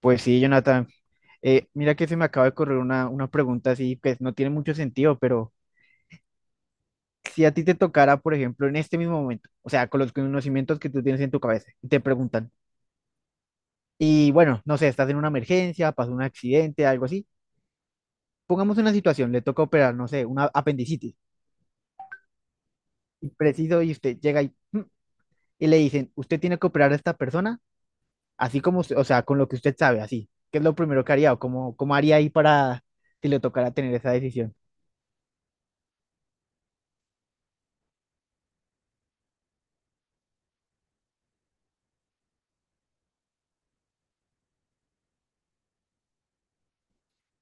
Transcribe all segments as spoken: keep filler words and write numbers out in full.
Pues sí, Jonathan. Eh, mira que se me acaba de correr una, una pregunta así que no tiene mucho sentido, pero si a ti te tocara, por ejemplo, en este mismo momento, o sea, con los conocimientos que tú tienes en tu cabeza, y te preguntan, y bueno, no sé, estás en una emergencia, pasó un accidente, algo así, pongamos una situación, le toca operar, no sé, una apendicitis, y preciso, y usted llega y, mm, y le dicen, usted tiene que operar a esta persona, así como, usted- o sea, con lo que usted sabe, así, ¿qué es lo primero que haría o cómo, cómo haría ahí para si le tocara tener esa decisión?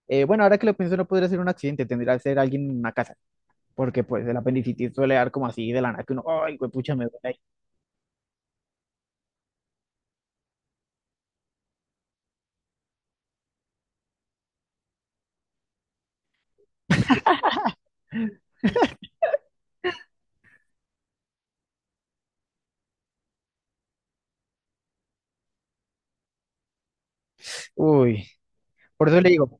Eh, bueno, ahora que lo pienso, no podría ser un accidente, tendría que ser alguien en una casa, porque pues el apendicitis suele dar como así de la nada que uno, ay, güey, pucha, me duele ahí". Uy, por eso le digo,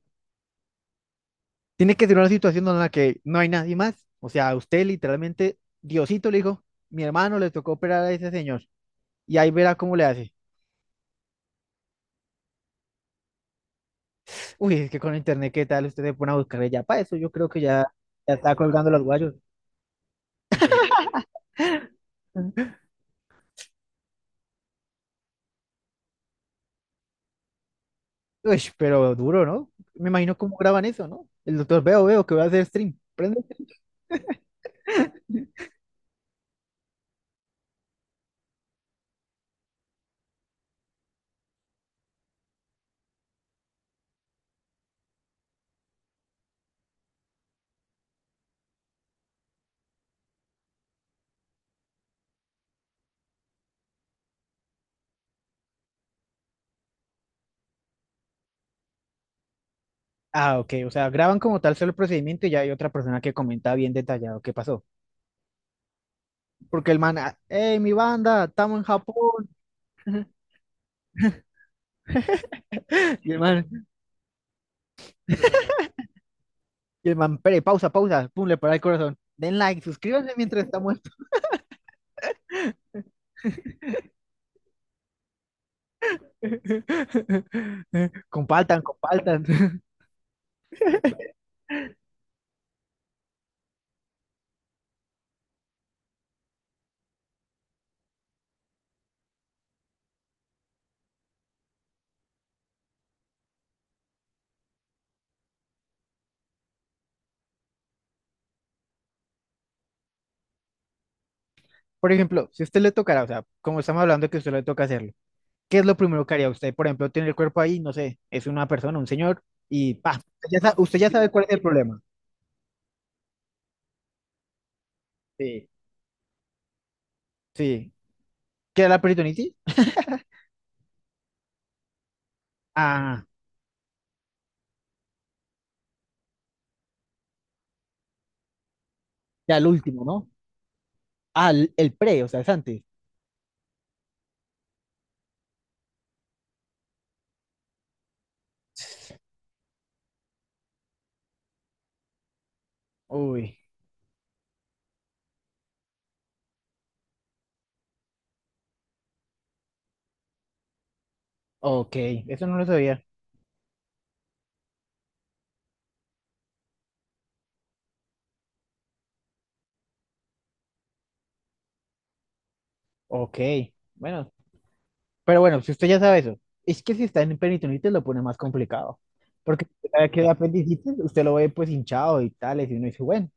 tiene que ser una situación en la que no hay nadie más. O sea, a usted literalmente, Diosito le dijo, mi hermano le tocó operar a ese señor, y ahí verá cómo le hace. Uy, es que con internet, ¿qué tal? Usted se pone a buscarle ya para eso, yo creo que ya, ya está colgando los guayos. Uy, pero duro, ¿no? Me imagino cómo graban eso, ¿no? El doctor, veo, veo que voy a hacer stream. Ah, ok. O sea, graban como tal solo el procedimiento y ya hay otra persona que comenta bien detallado qué pasó. Porque el man, ah, hey, mi banda, estamos en Japón. Y el man, y el man, "Pere, pausa, pausa. Pum, le para el corazón. Den like, suscríbanse mientras estamos. Compartan, compartan. Por ejemplo, si a usted le tocará, o sea, como estamos hablando que a usted le toca hacerlo, ¿qué es lo primero que haría usted? Por ejemplo, tiene el cuerpo ahí, no sé, es una persona, un señor, y pa, usted ya, sa- usted ya sabe cuál es el problema. Sí. Sí. ¿Qué era la peritonitis? Ah. Ya el último, ¿no? Ah, el, el pre, o sea, es antes. Uy, ok, eso no lo sabía. Ok, bueno, pero bueno, si usted ya sabe eso, es que si está en peritonitis lo pone más complicado, porque si usted sabe que es apendicitis, usted lo ve pues hinchado y tales, y uno dice, bueno,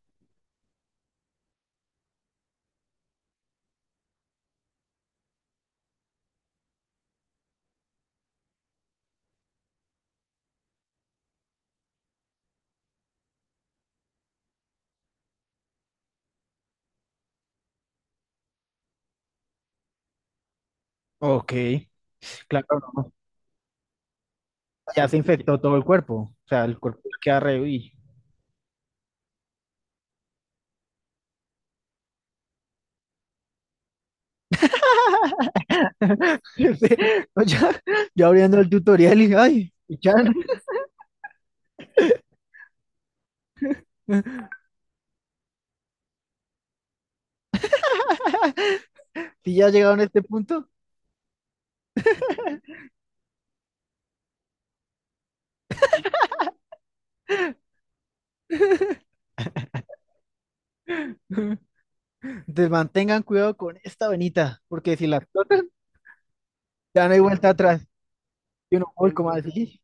ok, claro, no, no, ya se infectó todo el cuerpo, o sea, el cuerpo queda re, uy. Sí, no, ya, yo abriendo el tutorial y, ay, y ya, si ya llegaron a este punto. Entonces mantengan cuidado con esta venita, porque si la explotan, ya no hay vuelta atrás. Y uno, uy, ¿cómo así?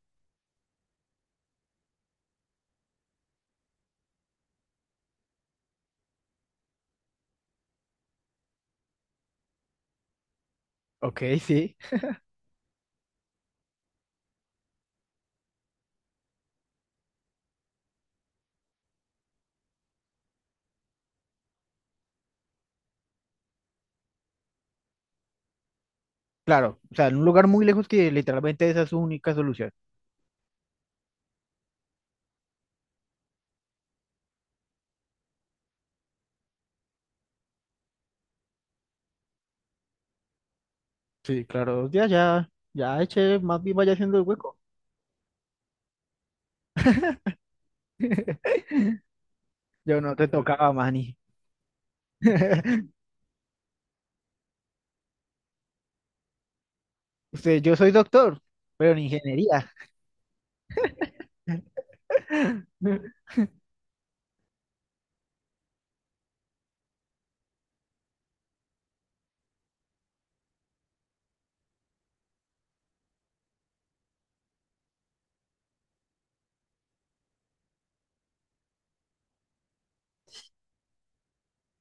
Ok, sí, claro. O sea, en un lugar muy lejos que literalmente esa es su única solución. Sí, claro, ya, ya, ya eche, más bien vaya haciendo el hueco. Yo no te tocaba, Manny. Usted, yo soy doctor, pero en ingeniería.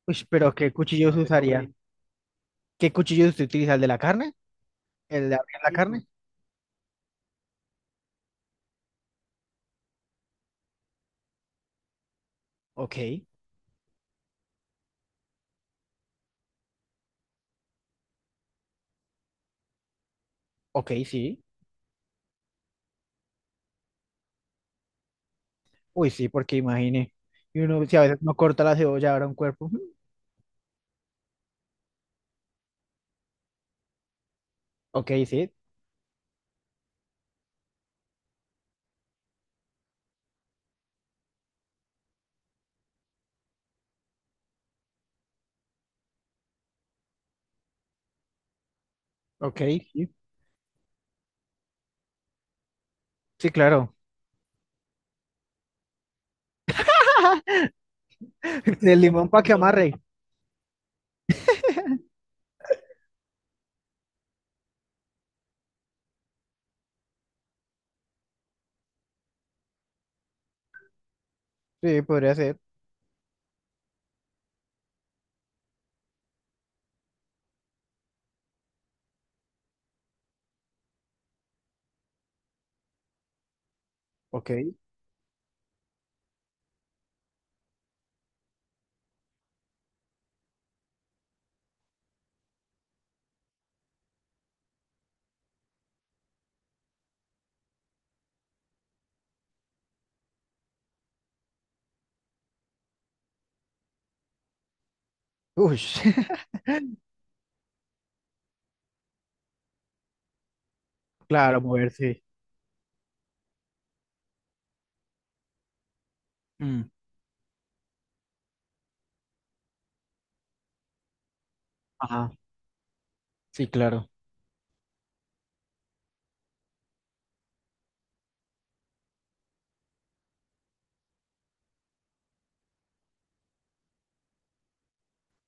Uy, pero ¿qué cuchillos No usaría? ¿Qué cuchillos usted utiliza? ¿El de la carne? ¿El de abrir la carne? Ok, ok, sí. Uy, sí, porque imagine. Y uno, si a veces no corta la cebolla, ahora un cuerpo. Ujú, ok, sí. Ok, sí. Sí, claro. El limón para que amarre. Sí, podría ser. Ok. Uy, claro, moverse. Mm, ajá, sí, claro.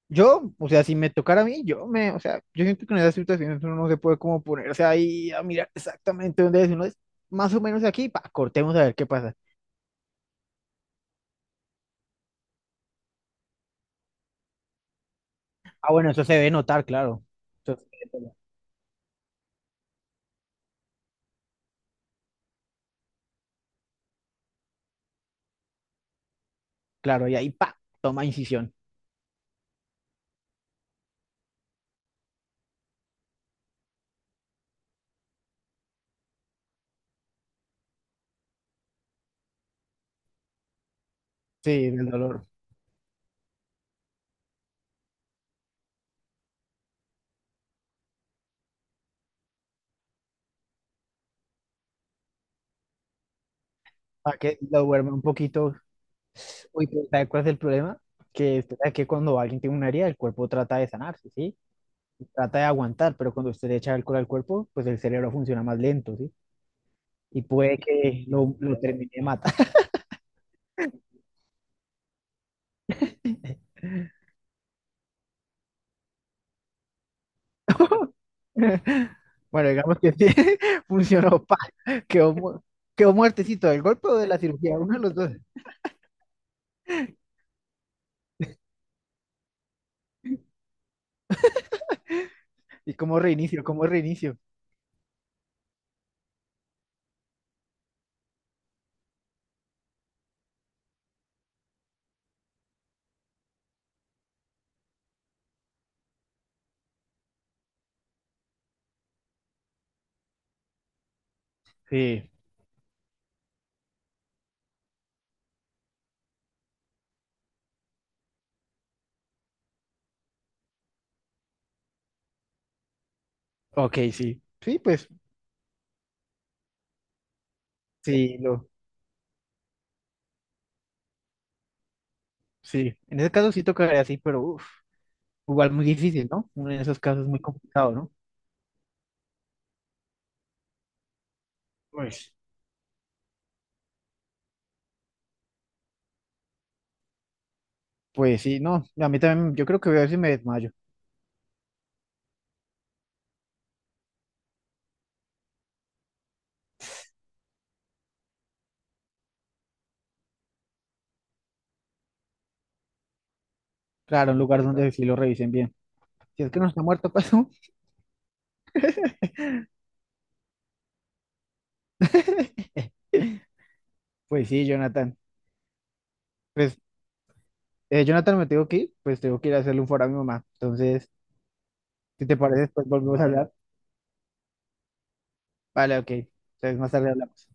Yo, o sea, si me tocara a mí, yo me, o sea, yo siento que en esas situaciones uno no se puede como ponerse ahí a mirar exactamente dónde es. Uno es más o menos aquí, pa, cortemos a ver qué pasa. Ah, bueno, eso se debe notar, claro. Eso se debe notar. Claro, y ahí, pa, toma incisión. Sí, del dolor. Para que lo duerma un poquito. Uy, pero ¿sabes cuál es el problema? Que, usted sabe que cuando alguien tiene una herida, el cuerpo trata de sanarse, ¿sí? Trata de aguantar, pero cuando usted le echa alcohol al cuerpo, pues el cerebro funciona más lento, ¿sí? Y puede que lo, lo termine de matar. Bueno, digamos que sí, funcionó, pa, quedó, mu- quedó muertecito del golpe o de la cirugía, uno de los dos. ¿Y cómo reinicio? ¿Cómo reinicio? Sí, ok, sí. Sí, pues, sí, lo, sí. En ese caso sí tocaría así, pero uff. Igual muy difícil, ¿no? Uno en esos casos es muy complicado, ¿no? Pues, pues sí, no, a mí también, yo creo que voy a ver si me desmayo. Claro, un lugar donde sí lo revisen bien. Si es que no está muerto, pasó. Pues sí, Jonathan. Pues, eh, Jonathan, me tengo que ir, pues tengo que ir a hacerle un foro a mi mamá. Entonces, si te parece, después volvemos a hablar. Vale, ok. Entonces, más tarde hablamos.